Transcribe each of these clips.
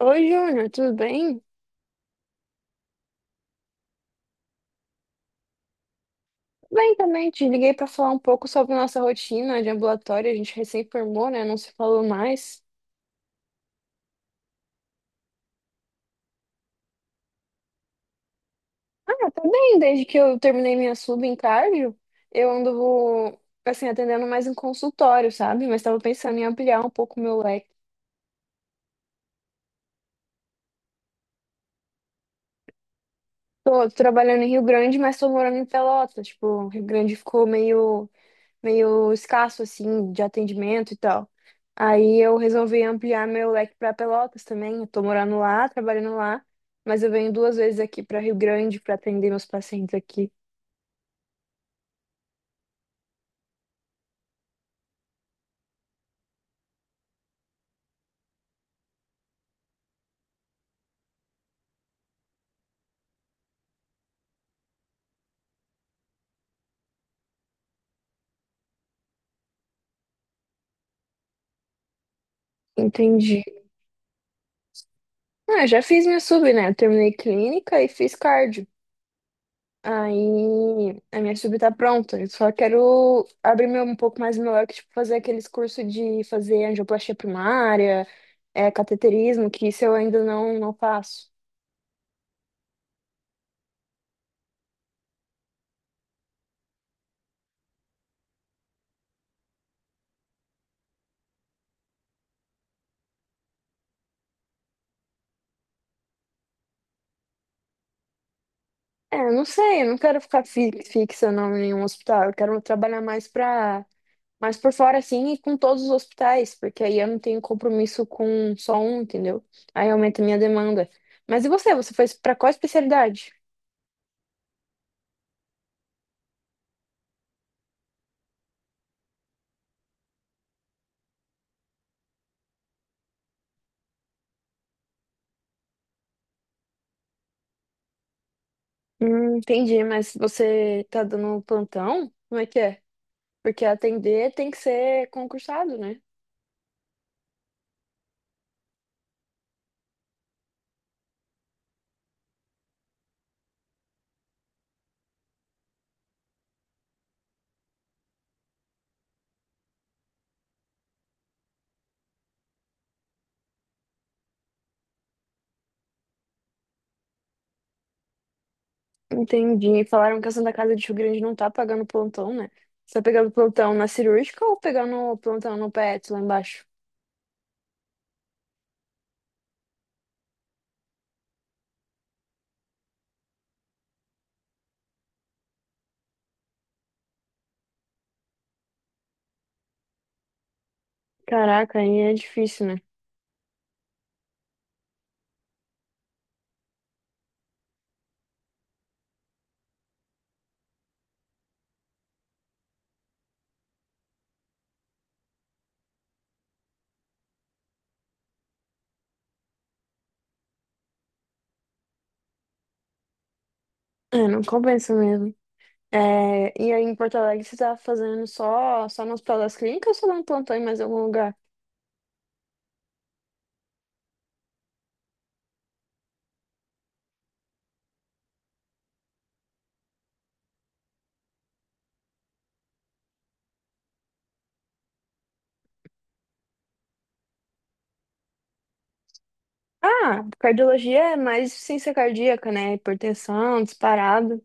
Oi, Júnior, tudo bem? Bem também, te liguei para falar um pouco sobre nossa rotina de ambulatório. A gente recém formou, né? Não se falou mais. Ah, tá bem, desde que eu terminei minha sub em cardio, eu ando, assim, atendendo mais em consultório, sabe? Mas tava pensando em ampliar um pouco o meu leque. Tô, trabalhando em Rio Grande, mas tô morando em Pelotas. Tipo, Rio Grande ficou meio escasso assim de atendimento e tal. Aí eu resolvi ampliar meu leque para Pelotas também. Eu tô morando lá, trabalhando lá, mas eu venho duas vezes aqui para Rio Grande para atender meus pacientes aqui. Entendi. Ah, eu já fiz minha sub, né? Eu terminei clínica e fiz cardio. Aí a minha sub tá pronta. Eu só quero abrir meu, um pouco mais meu leque, tipo, fazer aqueles cursos de fazer angioplastia primária, é, cateterismo, que isso eu ainda não faço. É, eu não sei, eu não quero ficar fixa não, em nenhum hospital. Eu quero trabalhar mais por fora, assim, e com todos os hospitais, porque aí eu não tenho compromisso com só um, entendeu? Aí aumenta a minha demanda. Mas e você? Você foi pra qual especialidade? Entendi, mas você tá dando plantão? Como é que é? Porque atender tem que ser concursado, né? Entendi. Falaram que a Santa Casa de Rio Grande não tá pagando plantão, né? Você tá pegando plantão na cirúrgica ou pegando plantão no PET lá embaixo? Caraca, aí é difícil, né? É, não compensa mesmo. É, e aí em Porto Alegre você tá fazendo só no Hospital das Clínicas ou só dá um plantão em mais algum lugar? Ah, cardiologia é mais ciência cardíaca, né? Hipertensão, disparado.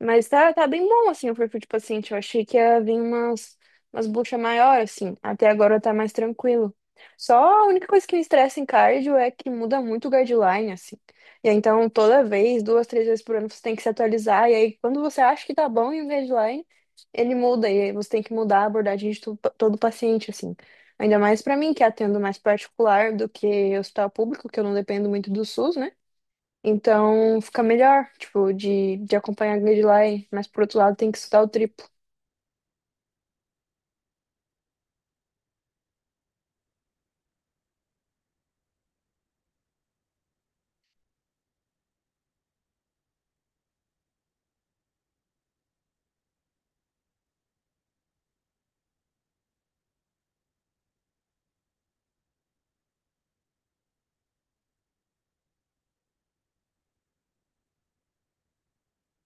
Mas tá bem bom, assim, o perfil de paciente. Eu achei que ia vir umas buchas maiores, assim. Até agora tá mais tranquilo. Só a única coisa que me estressa em cardio é que muda muito o guideline, assim. E aí, então, toda vez, duas, três vezes por ano, você tem que se atualizar. E aí, quando você acha que tá bom em guideline, ele muda. E aí, você tem que mudar a abordagem de todo paciente, assim. Ainda mais pra mim, que atendo mais particular do que hospital público, que eu não dependo muito do SUS, né? Então fica melhor, tipo, de acompanhar a guideline, mas por outro lado tem que estudar o triplo.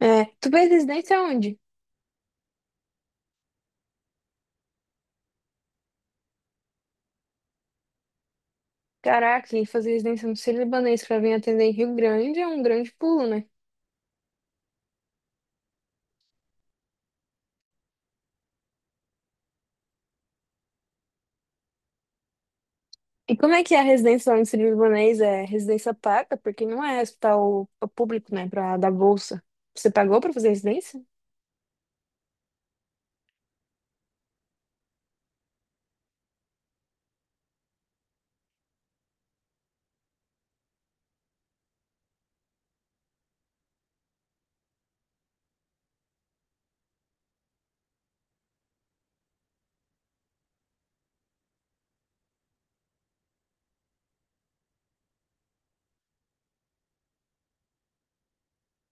É, tu fez residência onde? Caraca, e fazer residência no Sírio-Libanês pra vir atender em Rio Grande é um grande pulo, né? E como é que é a residência lá no Sírio Libanês? É residência paga? Porque não é hospital é público, né, pra dar bolsa. Você pagou para fazer residência?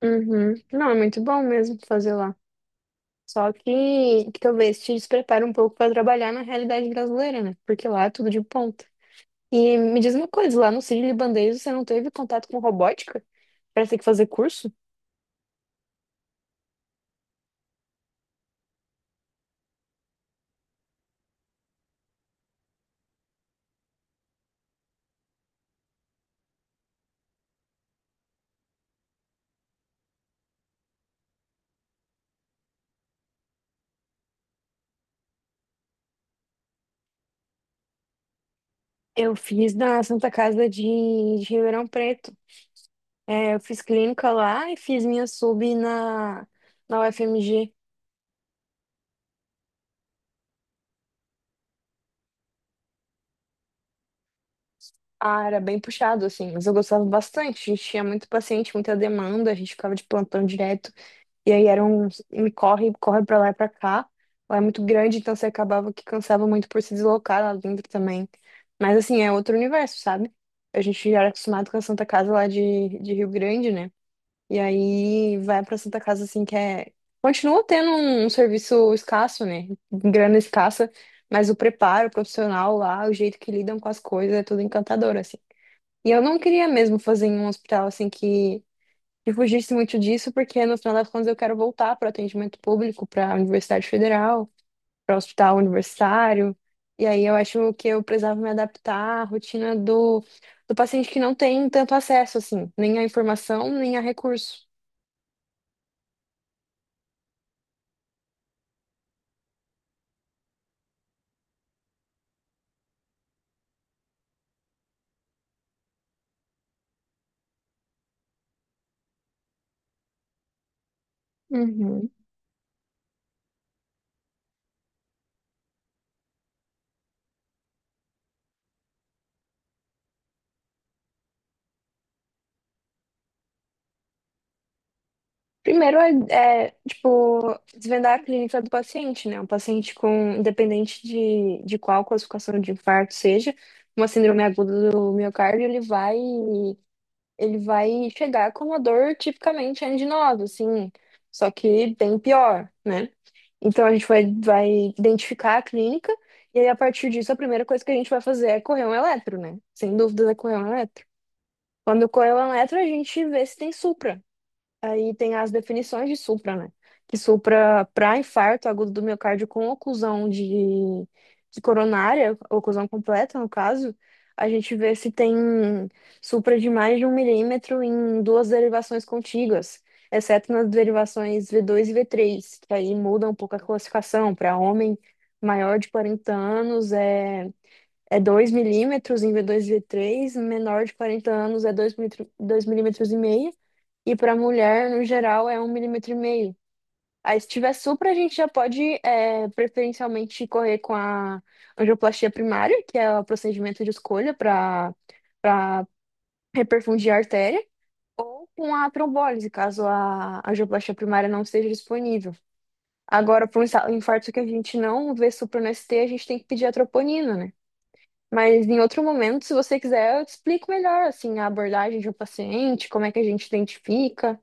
Uhum. Não, é muito bom mesmo fazer lá. Só que talvez te desprepare um pouco para trabalhar na realidade brasileira, né? Porque lá é tudo de ponta. E me diz uma coisa, lá no Sírio-Libanês você não teve contato com robótica para ter que fazer curso? Eu fiz na Santa Casa de Ribeirão Preto. É, eu fiz clínica lá e fiz minha sub na UFMG. Ah, era bem puxado, assim, mas eu gostava bastante. A gente tinha muito paciente, muita demanda, a gente ficava de plantão direto. E aí era um corre, corre pra lá e pra cá. Lá é muito grande, então você acabava que cansava muito por se deslocar lá dentro também. Mas assim, é outro universo, sabe? A gente já era acostumado com a Santa Casa lá de Rio Grande, né? E aí vai pra Santa Casa assim que é. Continua tendo um serviço escasso, né? Grana escassa, mas o preparo profissional lá, o jeito que lidam com as coisas, é tudo encantador, assim. E eu não queria mesmo fazer em um hospital assim que fugisse muito disso, porque no final das contas eu quero voltar para o atendimento público, para a Universidade Federal, para o hospital universitário. E aí eu acho que eu precisava me adaptar à rotina do paciente que não tem tanto acesso, assim, nem à informação, nem a recurso. Uhum. Primeiro tipo, desvendar a clínica do paciente, né? Um paciente com, independente de qual classificação de infarto seja, uma síndrome aguda do miocárdio, ele vai chegar com uma dor tipicamente anginosa, assim, só que bem pior, né? Então a gente vai identificar a clínica e aí a partir disso a primeira coisa que a gente vai fazer é correr um eletro, né? Sem dúvidas é correr um eletro. Quando correr um eletro, a gente vê se tem supra. Aí tem as definições de supra, né? Que supra para infarto agudo do miocárdio com oclusão de coronária, oclusão completa, no caso, a gente vê se tem supra de mais de 1 milímetro em duas derivações contíguas, exceto nas derivações V2 e V3, que aí muda um pouco a classificação. Para homem maior de 40 anos é 2 milímetros em V2 e V3, menor de 40 anos é 2,5 milímetros e para mulher, no geral, é 1,5 milímetros. Aí, se tiver supra, a gente já pode é, preferencialmente correr com a angioplastia primária, que é o procedimento de escolha para para reperfundir a artéria, ou com a trombólise, caso a angioplastia primária não esteja disponível. Agora, para um infarto que a gente não vê supra no ST, a gente tem que pedir a troponina, né? Mas em outro momento, se você quiser, eu te explico melhor assim, a abordagem de um paciente, como é que a gente identifica.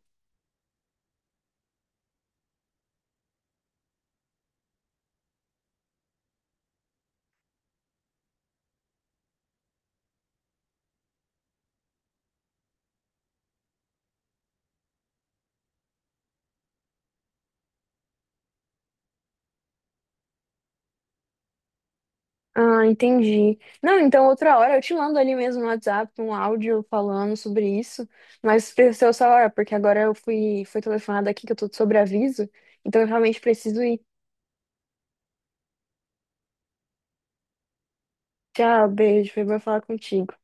Ah, entendi. Não, então outra hora eu te mando ali mesmo no WhatsApp um áudio falando sobre isso, mas precisa só hora, porque agora eu fui telefonada aqui que eu tô de sobreaviso, então eu realmente preciso ir. Tchau, beijo, foi bom falar contigo.